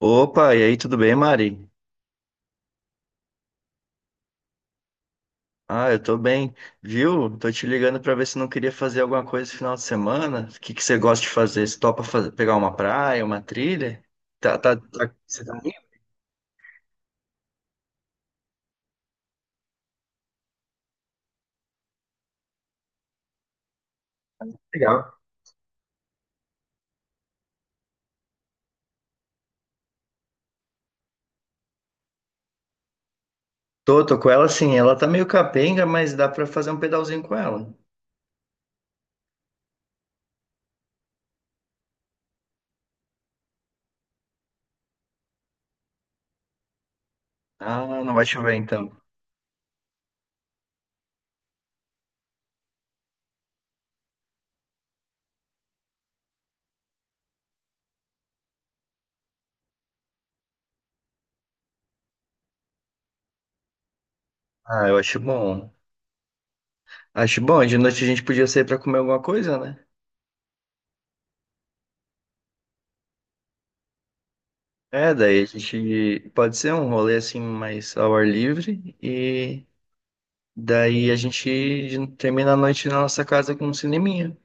Opa, e aí, tudo bem, Mari? Ah, eu tô bem, viu? Tô te ligando pra ver se não queria fazer alguma coisa esse final de semana. O que que você gosta de fazer? Você topa fazer, pegar uma praia, uma trilha? Você tá meio legal. Tô com ela sim, ela tá meio capenga, mas dá pra fazer um pedalzinho com ela. Ah, não vai chover então. Ah, eu acho bom. Acho bom, de noite a gente podia sair pra comer alguma coisa, né? É, daí a gente pode ser um rolê assim mais ao ar livre e daí a gente termina a noite na nossa casa com um cineminha.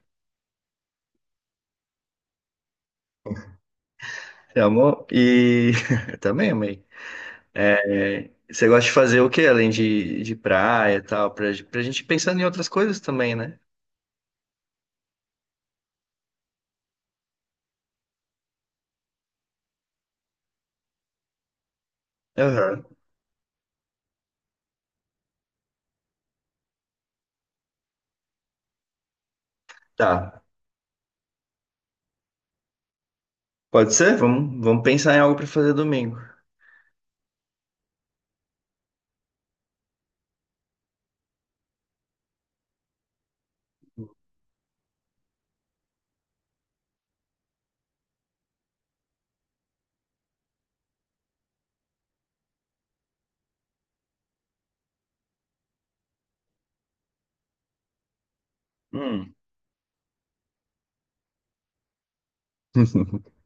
Você amou? E também amei. É, você gosta de fazer o quê? Além de praia e tal, pra gente pensando em outras coisas também, né? Aham. Tá. Pode ser? Vamos pensar em algo pra fazer domingo. Hum.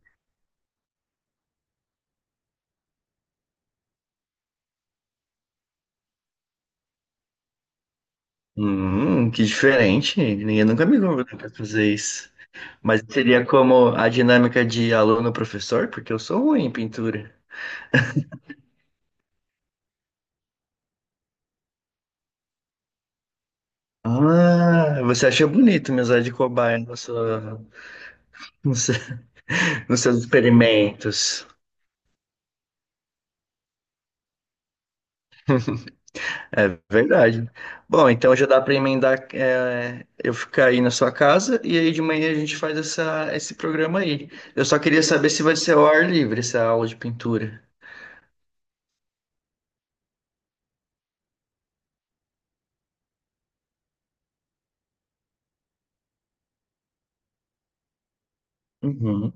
Que diferente. Ninguém nunca me convidou pra fazer isso. Mas seria como a dinâmica de aluno-professor, porque eu sou ruim em pintura. Ah, você achou bonito me usar de cobaia na sua- no seu- nos seus experimentos. É verdade. Bom, então já dá para emendar, é, eu ficar aí na sua casa e aí de manhã a gente faz esse programa aí. Eu só queria saber se vai ser ao ar livre essa aula de pintura. Uhum.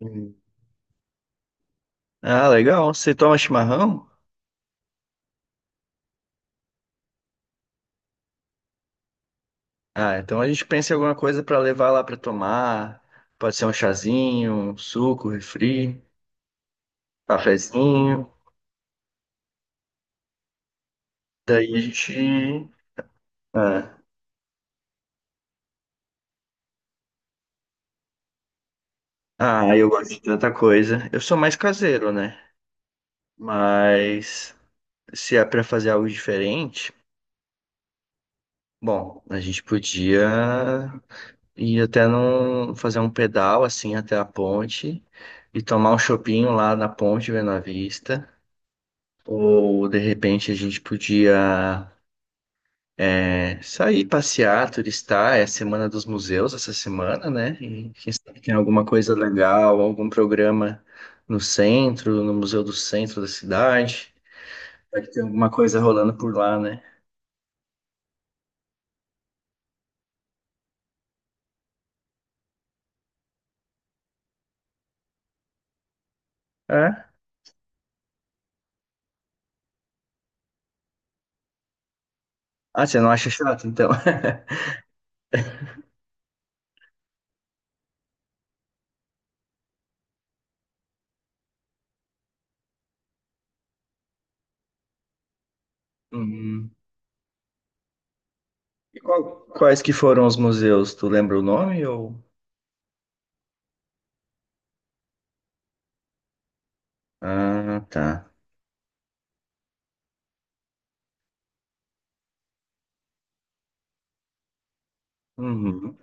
Uhum. Ah, legal. Você toma chimarrão? Ah, então a gente pensa em alguma coisa para levar lá para tomar. Pode ser um chazinho, um suco, um refri, um cafezinho. Daí a gente ah, ah, eu gosto de tanta coisa. Eu sou mais caseiro, né? Mas se é pra fazer algo diferente, bom, a gente podia ir fazer um pedal assim até a ponte e tomar um chopinho lá na ponte vendo a vista. Ou de repente a gente podia é, sair, passear, turistar, é a Semana dos Museus essa semana, né? E quem sabe tem alguma coisa legal, algum programa no centro, no Museu do Centro da cidade. Vai que tem alguma coisa rolando por lá, né? É? Ah, você não acha chato, então? Hum. E quais que foram os museus? Tu lembra o nome ou... Ah, tá. Uhum.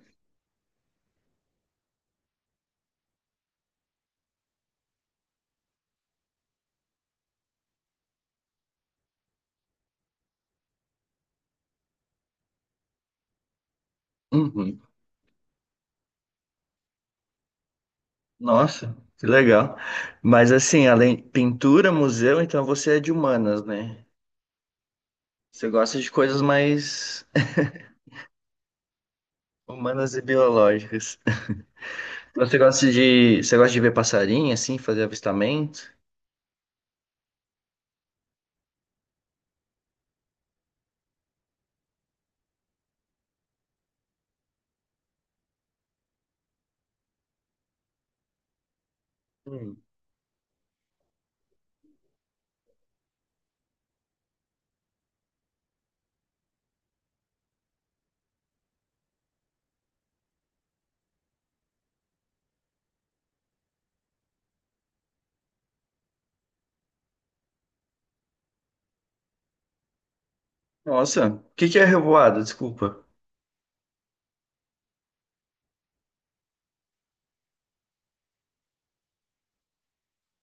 Uhum. Nossa, que legal. Mas assim, além pintura, museu, então você é de humanas, né? Você gosta de coisas mais humanas e biológicas. Você gosta de ver passarinho, assim, fazer avistamento? Hum. Nossa, o que que é revoada? Desculpa.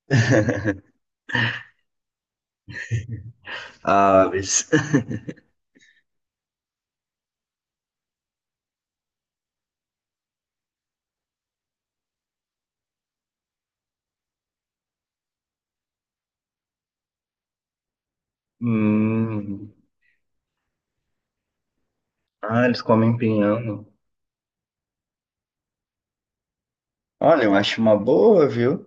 Aves. Hum. Ah, eles comem pinhão. Olha, eu acho uma boa, viu?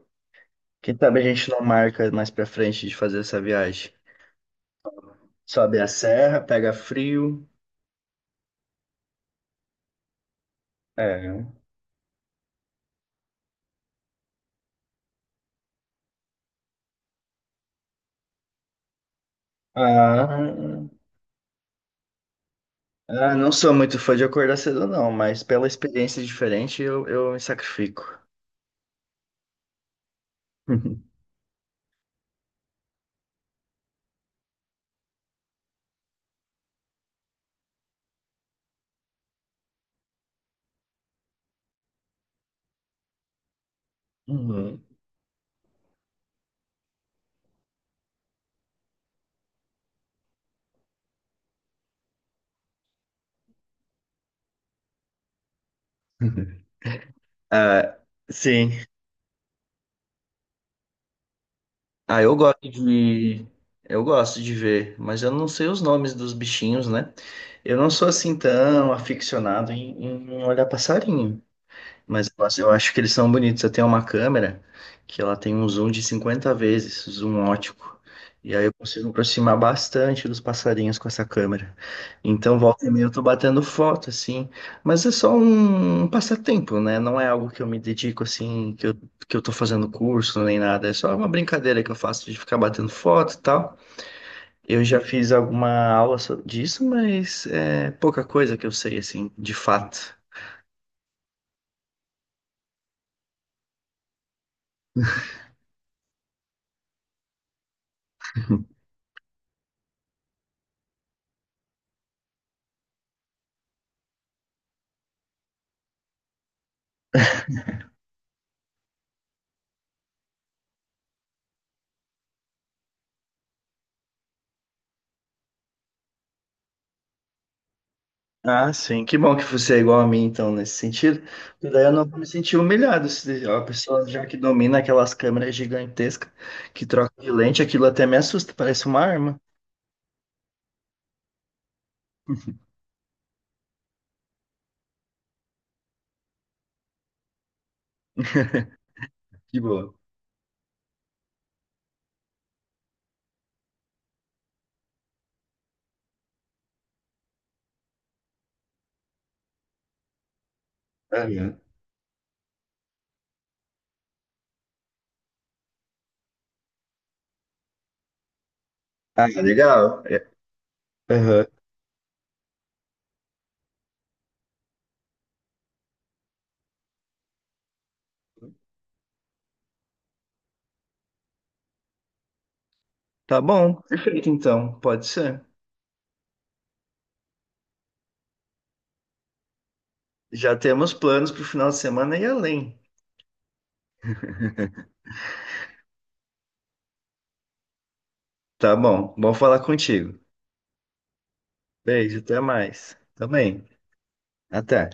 Quem sabe a gente não marca mais pra frente de fazer essa viagem. Sobe a serra, pega frio. É. Ah. Ah, não sou muito fã de acordar cedo, não, mas pela experiência diferente eu me sacrifico. Uhum. Ah, sim. Ah, eu gosto de. Eu gosto de ver, mas eu não sei os nomes dos bichinhos, né? Eu não sou assim tão aficionado em olhar passarinho. Mas eu acho que eles são bonitos. Eu tenho uma câmera que ela tem um zoom de 50 vezes, zoom ótico. E aí eu consigo me aproximar bastante dos passarinhos com essa câmera. Então, volta e meia eu tô batendo foto, assim. Mas é só um passatempo, né? Não é algo que eu me dedico, assim, que eu tô fazendo curso nem nada. É só uma brincadeira que eu faço de ficar batendo foto e tal. Eu já fiz alguma disso, mas é pouca coisa que eu sei, assim, de fato. Ah, sim. Que bom que você é igual a mim, então, nesse sentido. Porque daí eu não vou me sentir humilhado. Se a pessoa já que domina aquelas câmeras gigantescas que troca de lente, aquilo até me assusta, parece uma arma. De boa. Aham. Ah, legal. É, aham. Tá bom, perfeito então, pode ser. Já temos planos para o final de semana e além. Tá bom, bom falar contigo. Beijo, até mais. Também. Até.